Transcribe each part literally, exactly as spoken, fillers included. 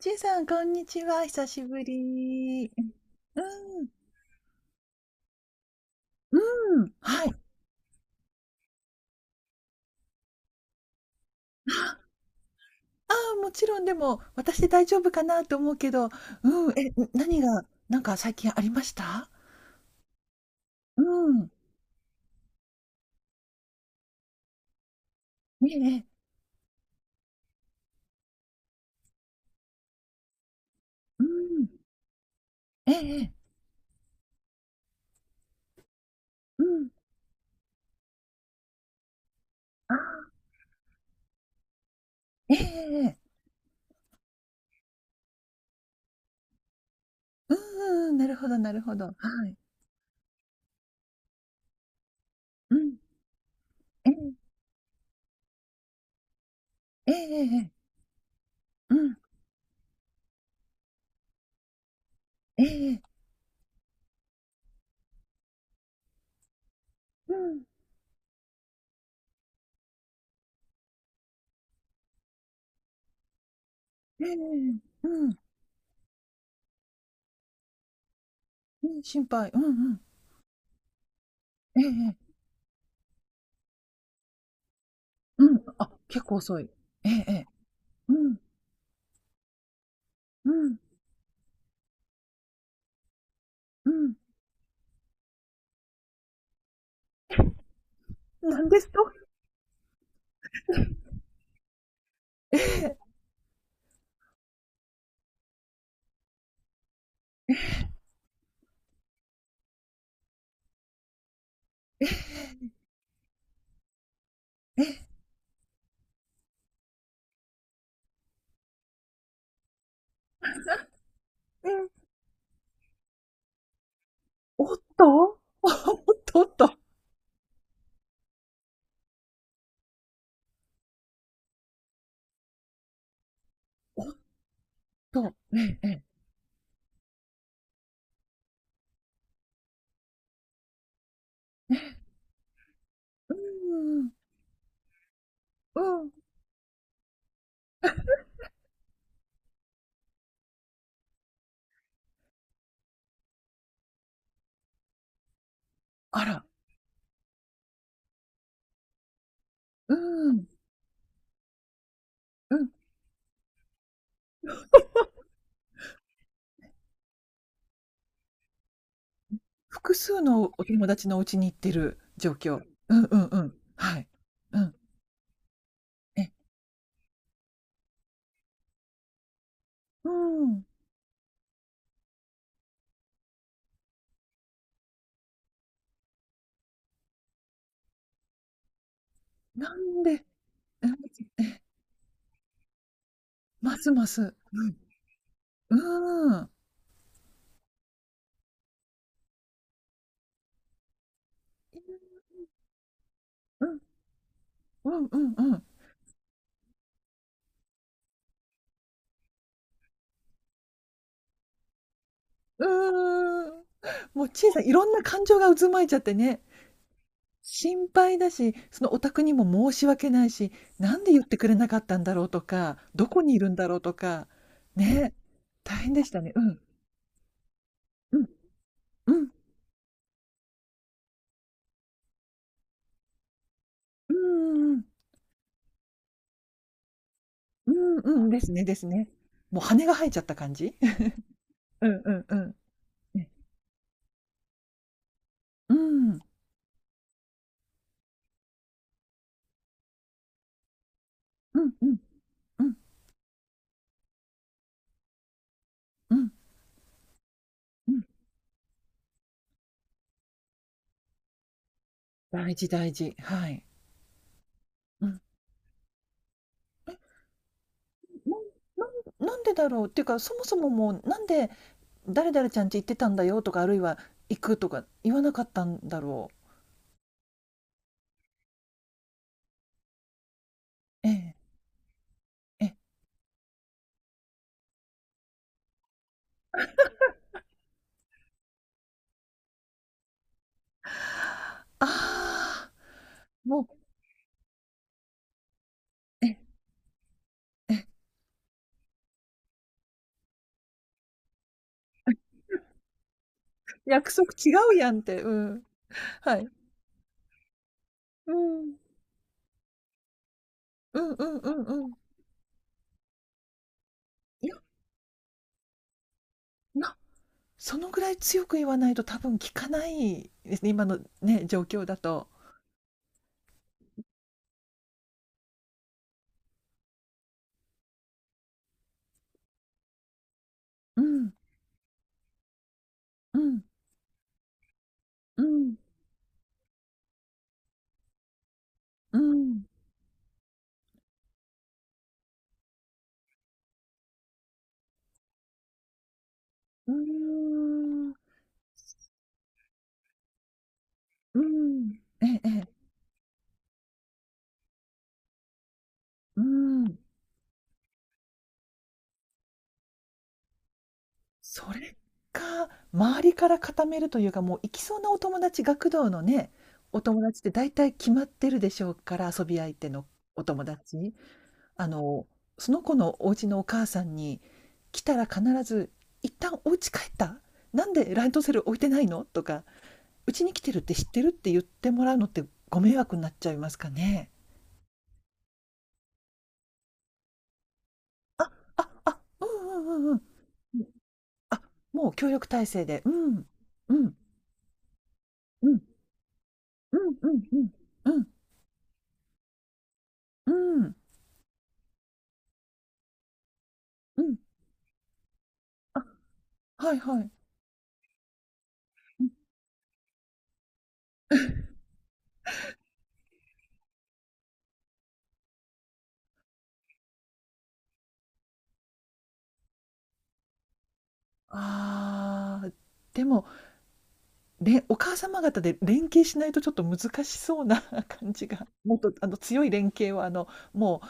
ちいさん、こんにちは。久しぶり。うん、うん、はい。ああ、もちろん、でも、私で大丈夫かなと思うけど、うん、え、何が、なんか最近ありました？うん、ええ、うん、ええ、うん、ああ、ええ、ええ、うん、うん、なるほど、なるほど。はい。うん、ええ、ええ、ええ、うん、ええ、うん、ええ、うん、うん、心配、うん、うん、ええ、ええ、うん、あ、結構遅い。ええ、ええ、うん。うん、うん。なんですと？ええ、ええ、うん。おっと おっとおっと。おっと。ええ、ええ。うーん、うん。あら、うーん、うん。複数のお友達のお家に行ってる状況。うんうんうん。はい。うん。ええ、うーん。なんで、ええ、ええ、ますます。うーん。うん。うんうんうん。うーん。もうちさん、いろんな感情が渦巻いちゃってね。心配だし、そのお宅にも申し訳ないし、なんで言ってくれなかったんだろうとか、どこにいるんだろうとか、ね、大変でしたね。うん。うん。うん。うん、うん。うん、うん。ですねですね。もう羽が生えちゃった感じ？うんうんうん。ね。うん。うんうん。うん。うん。うん。大事大事。はい。うん。なんなんなんでだろうっていうか、そもそももうなんで誰々ちゃんち行ってたんだよとか、あるいは行くとか言わなかったんだろう。ええ、ええ。ああ、もう、え、え、約束違うやんって、うん。はい。うん。うんうんうんうん。いや、なそのぐらい強く言わないと多分効かないですね、今のね、状況だと。うん、うん、うん、うん、うーん、うん。ええ、ええ、うん。それか、周りから固めるというか、もう行きそうなお友達、学童のね、お友達って大体決まってるでしょうから、遊び相手のお友達。あの、その子のお家のお母さんに、来たら必ず「一旦お家帰った？なんでランドセル置いてないの？」とか「うちに来てるって知ってる？」って言ってもらうのって、ご迷惑になっちゃいますかね？あ、あ、あ、うんうんうんうん。うん、あ、もう協力体制で、うん。うん、うん、うんうんうん。うん、うん、うん。あ、はいはい。うん ああ、でもお母様方で連携しないとちょっと難しそうな感じが、もっとあの強い連携は、あの、も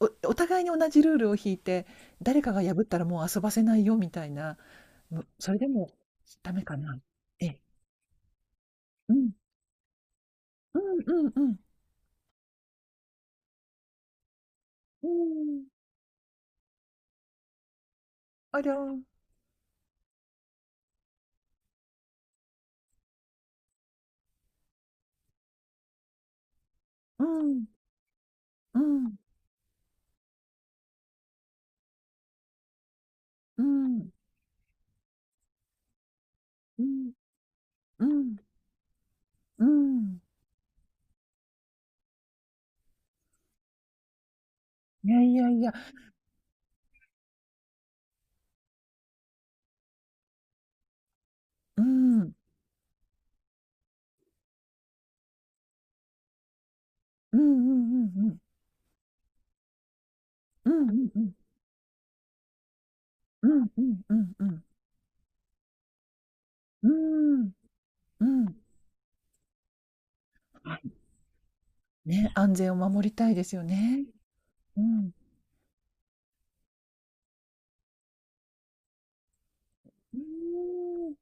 うおお互いに同じルールを引いて、誰かが破ったらもう遊ばせないよみたいな。むそれでもダメかな。ええ、うん、うんうんうんうん、ありゃうん、うんうんうんうんうんうん、いやいやいや、うんうんうんうんうんうんうんうんうんうんうんうんうん、うんね、安全を守りたいですよね。うん。うーん。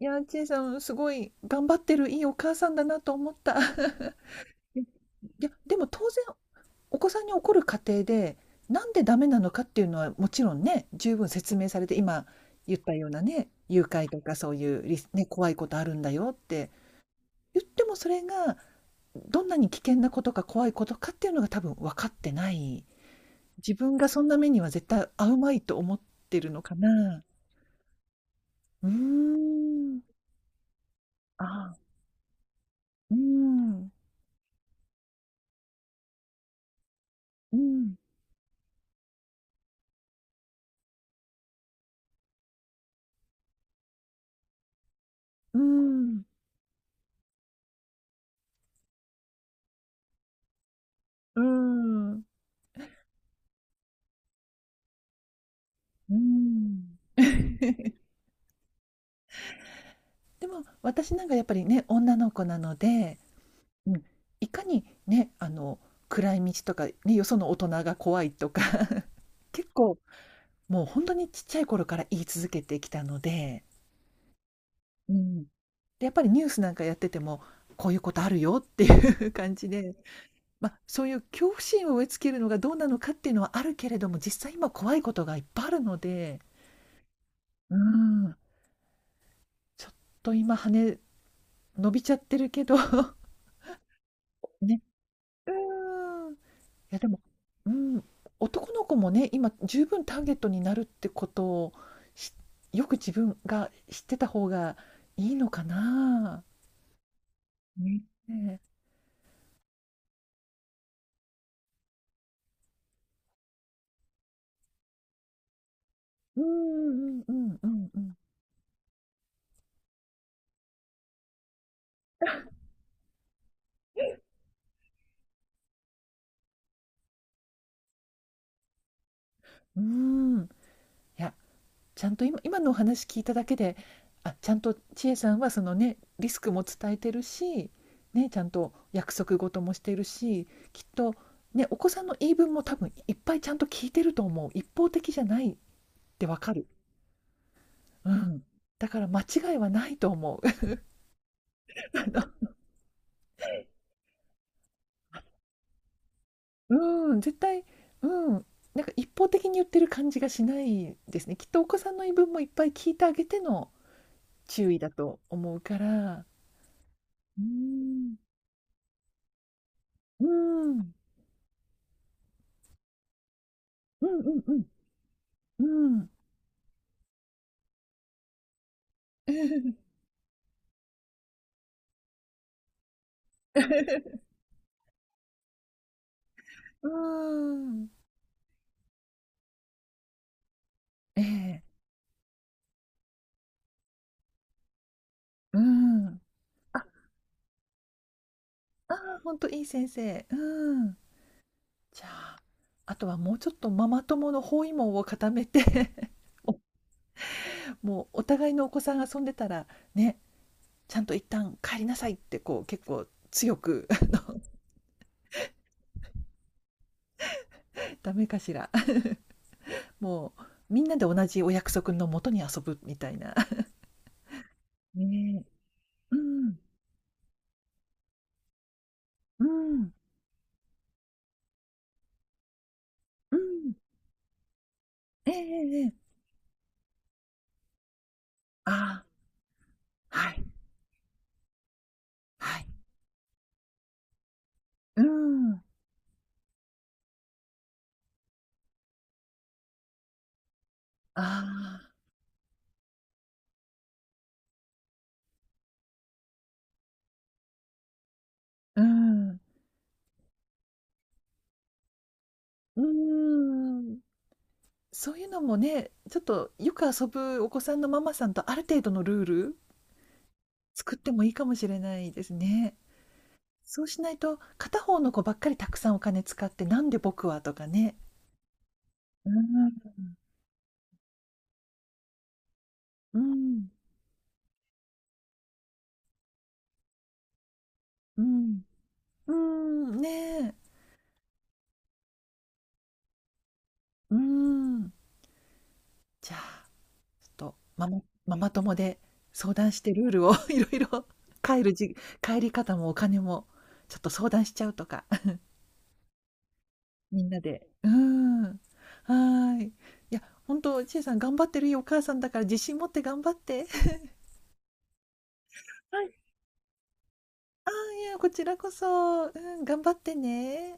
いや、ちえさん、すごい頑張ってるいいお母さんだなと思った。いや、でも当然お子さんに怒る過程で、なんでダメなのかっていうのはもちろんね、十分説明されて、今言ったようなね、誘拐とかそういうリスね、怖いことあるんだよって言ってもそれが、どんなに危険なことか怖いことかっていうのが多分分かってない。自分がそんな目には絶対遭うまいと思ってるのかな。うーん。ああ、うーん。うん。うーん。うーん。うーん。でも、私なんかやっぱりね、女の子なので、うん、いかにね、あの、暗い道とか、ね、よその大人が怖いとか、結構もう本当にちっちゃい頃から言い続けてきたので、うん。で、やっぱりニュースなんかやってても、こういうことあるよっていう 感じで、まあ、そういう恐怖心を植え付けるのがどうなのかっていうのはあるけれども、実際今怖いことがいっぱいあるので、うん、ちょっと今羽伸びちゃってるけど ね、うん。いやでも、うん、男の子もね、今十分ターゲットになるってことを、しよく自分が知ってた方がいいのかな。ね。うんうんうんうんうんうん。いや、ちゃんと今今のお話聞いただけで、あちゃんと千恵さんはそのねリスクも伝えてるし、ね、ちゃんと約束事もしてるし、きっと、ね、お子さんの言い分も多分いっぱいちゃんと聞いてると思う、一方的じゃないってわかる、うん、だから間違いはないと思う。あの うん、絶対、うん、なんか一方的に言ってる感じがしないですね、きっとお子さんの言い分もいっぱい聞いてあげての注意だと思うから。うんうんうんうんうんうん。うーん。ええ。うん。あ、ああ、ほんといい先生。うん。じゃあ、あとはもうちょっとママ友の包囲網を固めて、おもうお互いのお子さんが遊んでたら、ね、ちゃんと一旦帰りなさいってこう結構強く ダメかしら。もうみんなで同じお約束のもとに遊ぶみたいな。ねえ。うん。うん。うん。ええええええ。ああ、はい。はい。うん。ああ、うん。うーん。そういうのもね、ちょっとよく遊ぶお子さんのママさんとある程度のルール作ってもいいかもしれないですね。そうしないと、片方の子ばっかりたくさんお金使って、なんで僕は、とかね。うーん、うん、うん、うーん、ねえ、うーん。じゃあ、ちょっとママママ友で相談してルールを いろいろ、帰るじ帰り方もお金もちょっと相談しちゃうとか。みんなで。うん。はーい。いや、本当、ちえさん頑張ってるよ、お母さんだから自信持って頑張って。はい。ああ、いや、こちらこそ。うん、頑張ってね。